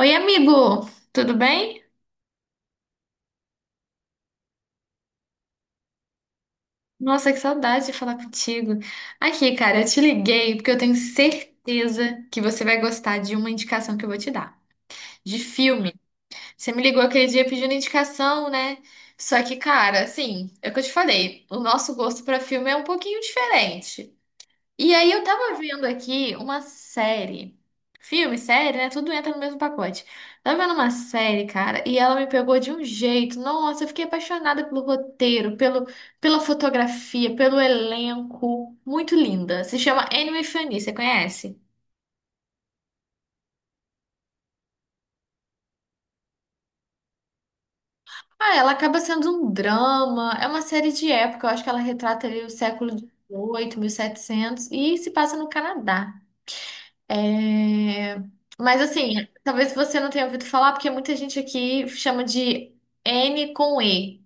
Oi, amigo! Tudo bem? Nossa, que saudade de falar contigo. Aqui, cara, eu te liguei porque eu tenho certeza que você vai gostar de uma indicação que eu vou te dar, de filme. Você me ligou aquele dia pedindo indicação, né? Só que, cara, assim, é o que eu te falei, o nosso gosto pra filme é um pouquinho diferente. E aí eu tava vendo aqui uma série. Filme, série, né? Tudo entra no mesmo pacote. Tava vendo uma série, cara, e ela me pegou de um jeito. Nossa, eu fiquei apaixonada pelo roteiro, pela fotografia, pelo elenco. Muito linda. Se chama *Anne Anime Fanny, você conhece? Ah, ela acaba sendo um drama. É uma série de época. Eu acho que ela retrata ali o século XVIII, setecentos, e se passa no Canadá. É, mas assim, talvez você não tenha ouvido falar, porque muita gente aqui chama de N com E.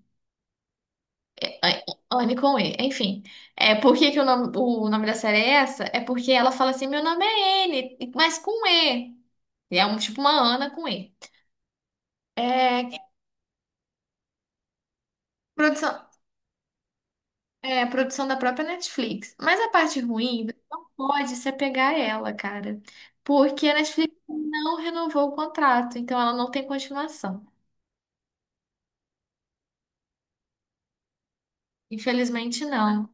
É, N com E, enfim. É, por que que o nome da série é essa? É porque ela fala assim, meu nome é N, mas com E. E é um, tipo uma Ana com E. É, produção, produção da própria Netflix. Mas a parte ruim, você não pode se apegar a ela, cara. Porque a Netflix não renovou o contrato, então ela não tem continuação. Infelizmente, não.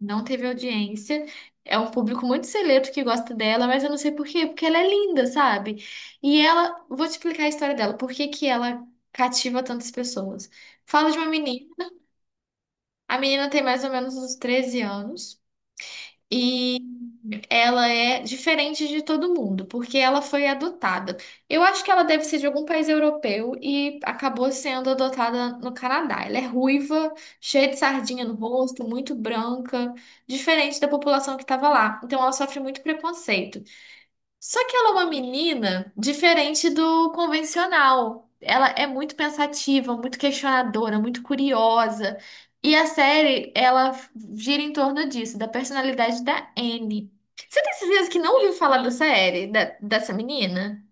Não teve audiência. É um público muito seleto que gosta dela, mas eu não sei por quê, porque ela é linda, sabe? E ela, vou te explicar a história dela, por que que ela cativa tantas pessoas. Fala de uma menina, a menina tem mais ou menos uns 13 anos. Ela é diferente de todo mundo, porque ela foi adotada. Eu acho que ela deve ser de algum país europeu e acabou sendo adotada no Canadá. Ela é ruiva, cheia de sardinha no rosto, muito branca, diferente da população que estava lá. Então ela sofre muito preconceito. Só que ela é uma menina diferente do convencional. Ela é muito pensativa, muito questionadora, muito curiosa. E a série, ela gira em torno disso, da personalidade da Anne. Você tem certeza que não ouviu falar da série, dessa menina?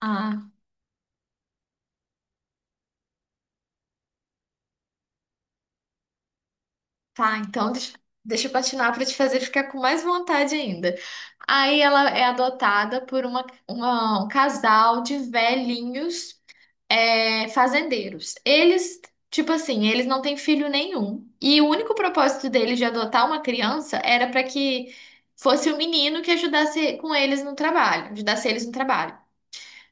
Ah, tá. Então deixa eu patinar para te fazer ficar com mais vontade ainda. Aí ela é adotada por um casal de velhinhos. Fazendeiros. Eles, tipo assim, eles não têm filho nenhum. E o único propósito deles de adotar uma criança era para que fosse o menino que ajudasse com eles no trabalho, ajudasse eles no trabalho.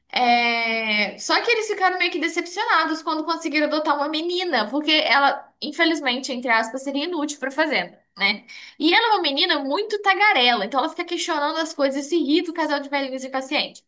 Só que eles ficaram meio que decepcionados quando conseguiram adotar uma menina, porque ela, infelizmente, entre aspas, seria inútil para fazenda, né? E ela é uma menina muito tagarela, então ela fica questionando as coisas e se irrita o casal de velhinhos impacientes.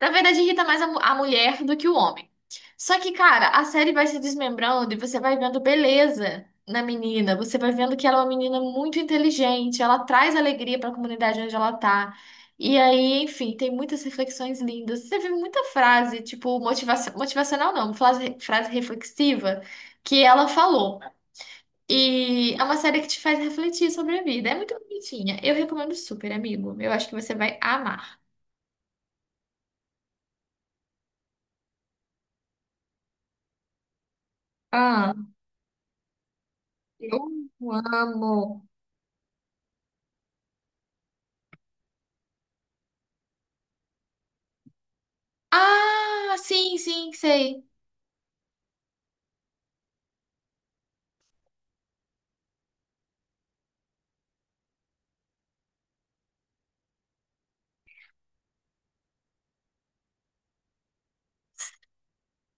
Na verdade, irrita mais a mulher do que o homem. Só que, cara, a série vai se desmembrando e você vai vendo beleza na menina. Você vai vendo que ela é uma menina muito inteligente, ela traz alegria pra comunidade onde ela tá. E aí, enfim, tem muitas reflexões lindas. Você vê muita frase, tipo, motivacional não, frase reflexiva que ela falou. E é uma série que te faz refletir sobre a vida. É muito bonitinha. Eu recomendo super, amigo. Eu acho que você vai amar. Eu amo. Ah, sim, sim, sei.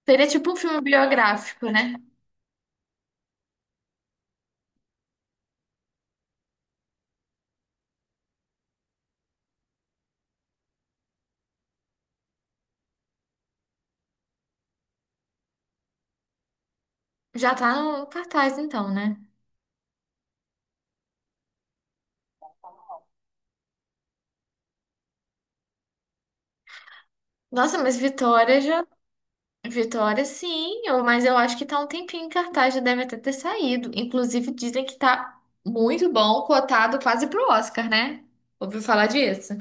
Seria tipo um filme biográfico, né? Já tá no cartaz, então, né? Nossa, mas Vitória já. Vitória, sim, mas eu acho que tá um tempinho em cartaz, já deve até ter saído. Inclusive, dizem que tá muito bom, cotado quase pro Oscar, né? Ouviu falar disso?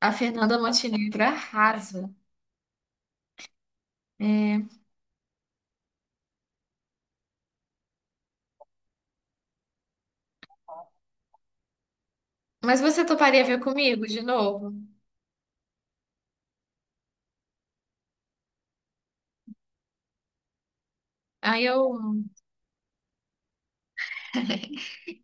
A Fernanda Montenegro arrasa. É, mas você toparia ver comigo de novo? Aí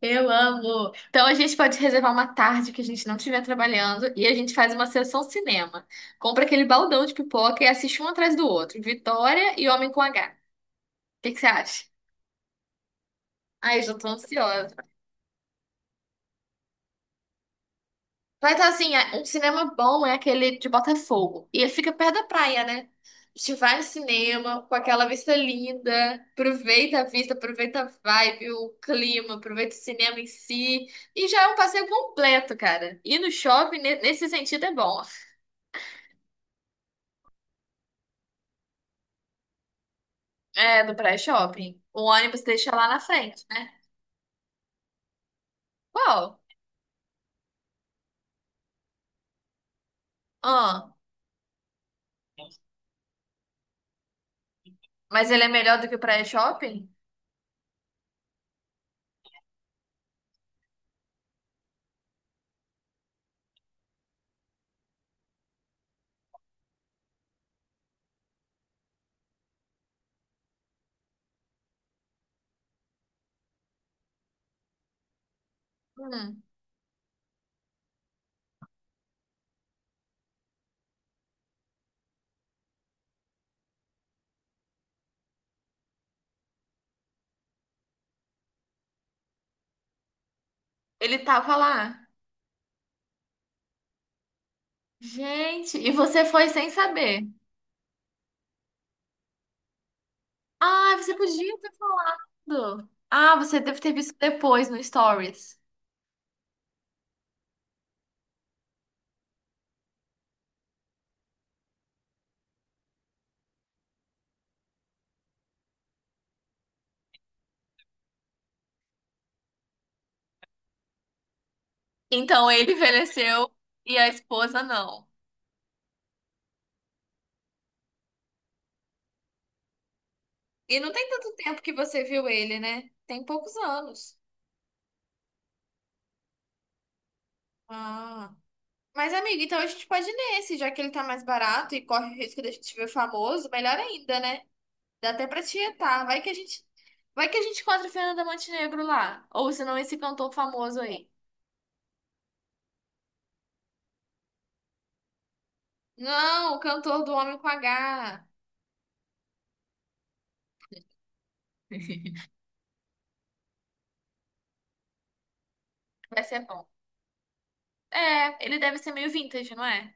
eu amo. Então a gente pode reservar uma tarde que a gente não estiver trabalhando e a gente faz uma sessão cinema. Compra aquele baldão de pipoca e assiste um atrás do outro. Vitória e Homem com H. O que que você acha? Ai, eu já tô ansiosa. Mas assim, um cinema bom é aquele de Botafogo. E ele fica perto da praia, né? A gente vai no cinema com aquela vista linda, aproveita a vista, aproveita a vibe, o clima, aproveita o cinema em si. E já é um passeio completo, cara. Ir no shopping, nesse sentido, é bom. É, do pré-shopping. O ônibus deixa lá na frente, né? Qual? Ah, mas ele é melhor do que o pré-shopping? Hum, Ele tava lá. Gente, e você foi sem saber. Ah, você podia ter falado. Ah, você deve ter visto depois no Stories. Então ele envelheceu e a esposa não. E não tem tanto tempo que você viu ele, né? Tem poucos anos. Ah. Mas, amigo, então a gente pode ir nesse, já que ele tá mais barato e corre o risco de a gente ver famoso, melhor ainda, né? Dá até pra tietar. Vai que a gente encontra o Fernanda Montenegro lá. Ou senão esse cantor famoso aí. Não, o cantor do Homem com H. Vai ser bom. É, ele deve ser meio vintage, não é?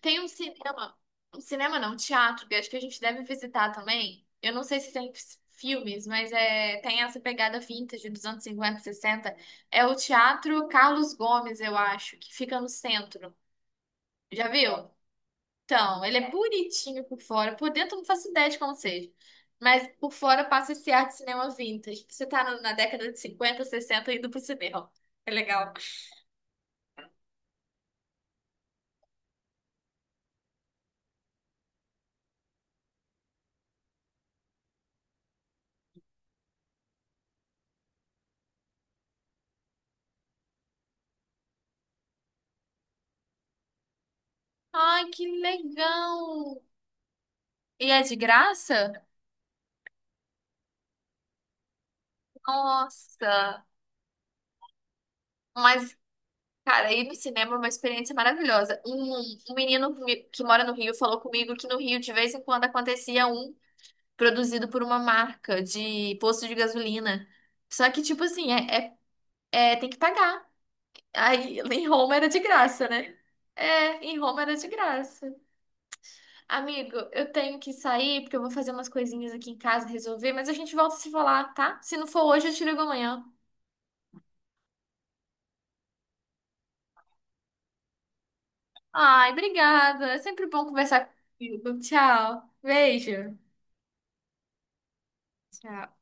Tem um cinema não, um teatro, que eu acho que a gente deve visitar também. Eu não sei se tem filmes, mas tem essa pegada vintage dos anos 50, 60. É o Teatro Carlos Gomes, eu acho, que fica no centro. Já viu? Então, ele é bonitinho por fora. Por dentro, eu não faço ideia de como seja. Mas por fora passa esse ar de cinema vintage. Você tá na década de 50, 60 indo pro cinema. É legal. Ai, que legal! E é de graça? Nossa! Mas, cara, ir no cinema é uma experiência maravilhosa. Um menino que mora no Rio falou comigo que no Rio, de vez em quando, acontecia um produzido por uma marca de posto de gasolina. Só que, tipo assim, tem que pagar. Aí, em Roma era de graça, né? É, em Roma era de graça. Amigo, eu tenho que sair porque eu vou fazer umas coisinhas aqui em casa, resolver, mas a gente volta a se falar, tá? Se não for hoje, eu te ligo amanhã. Ai, obrigada. É sempre bom conversar contigo. Tchau. Beijo. Tchau.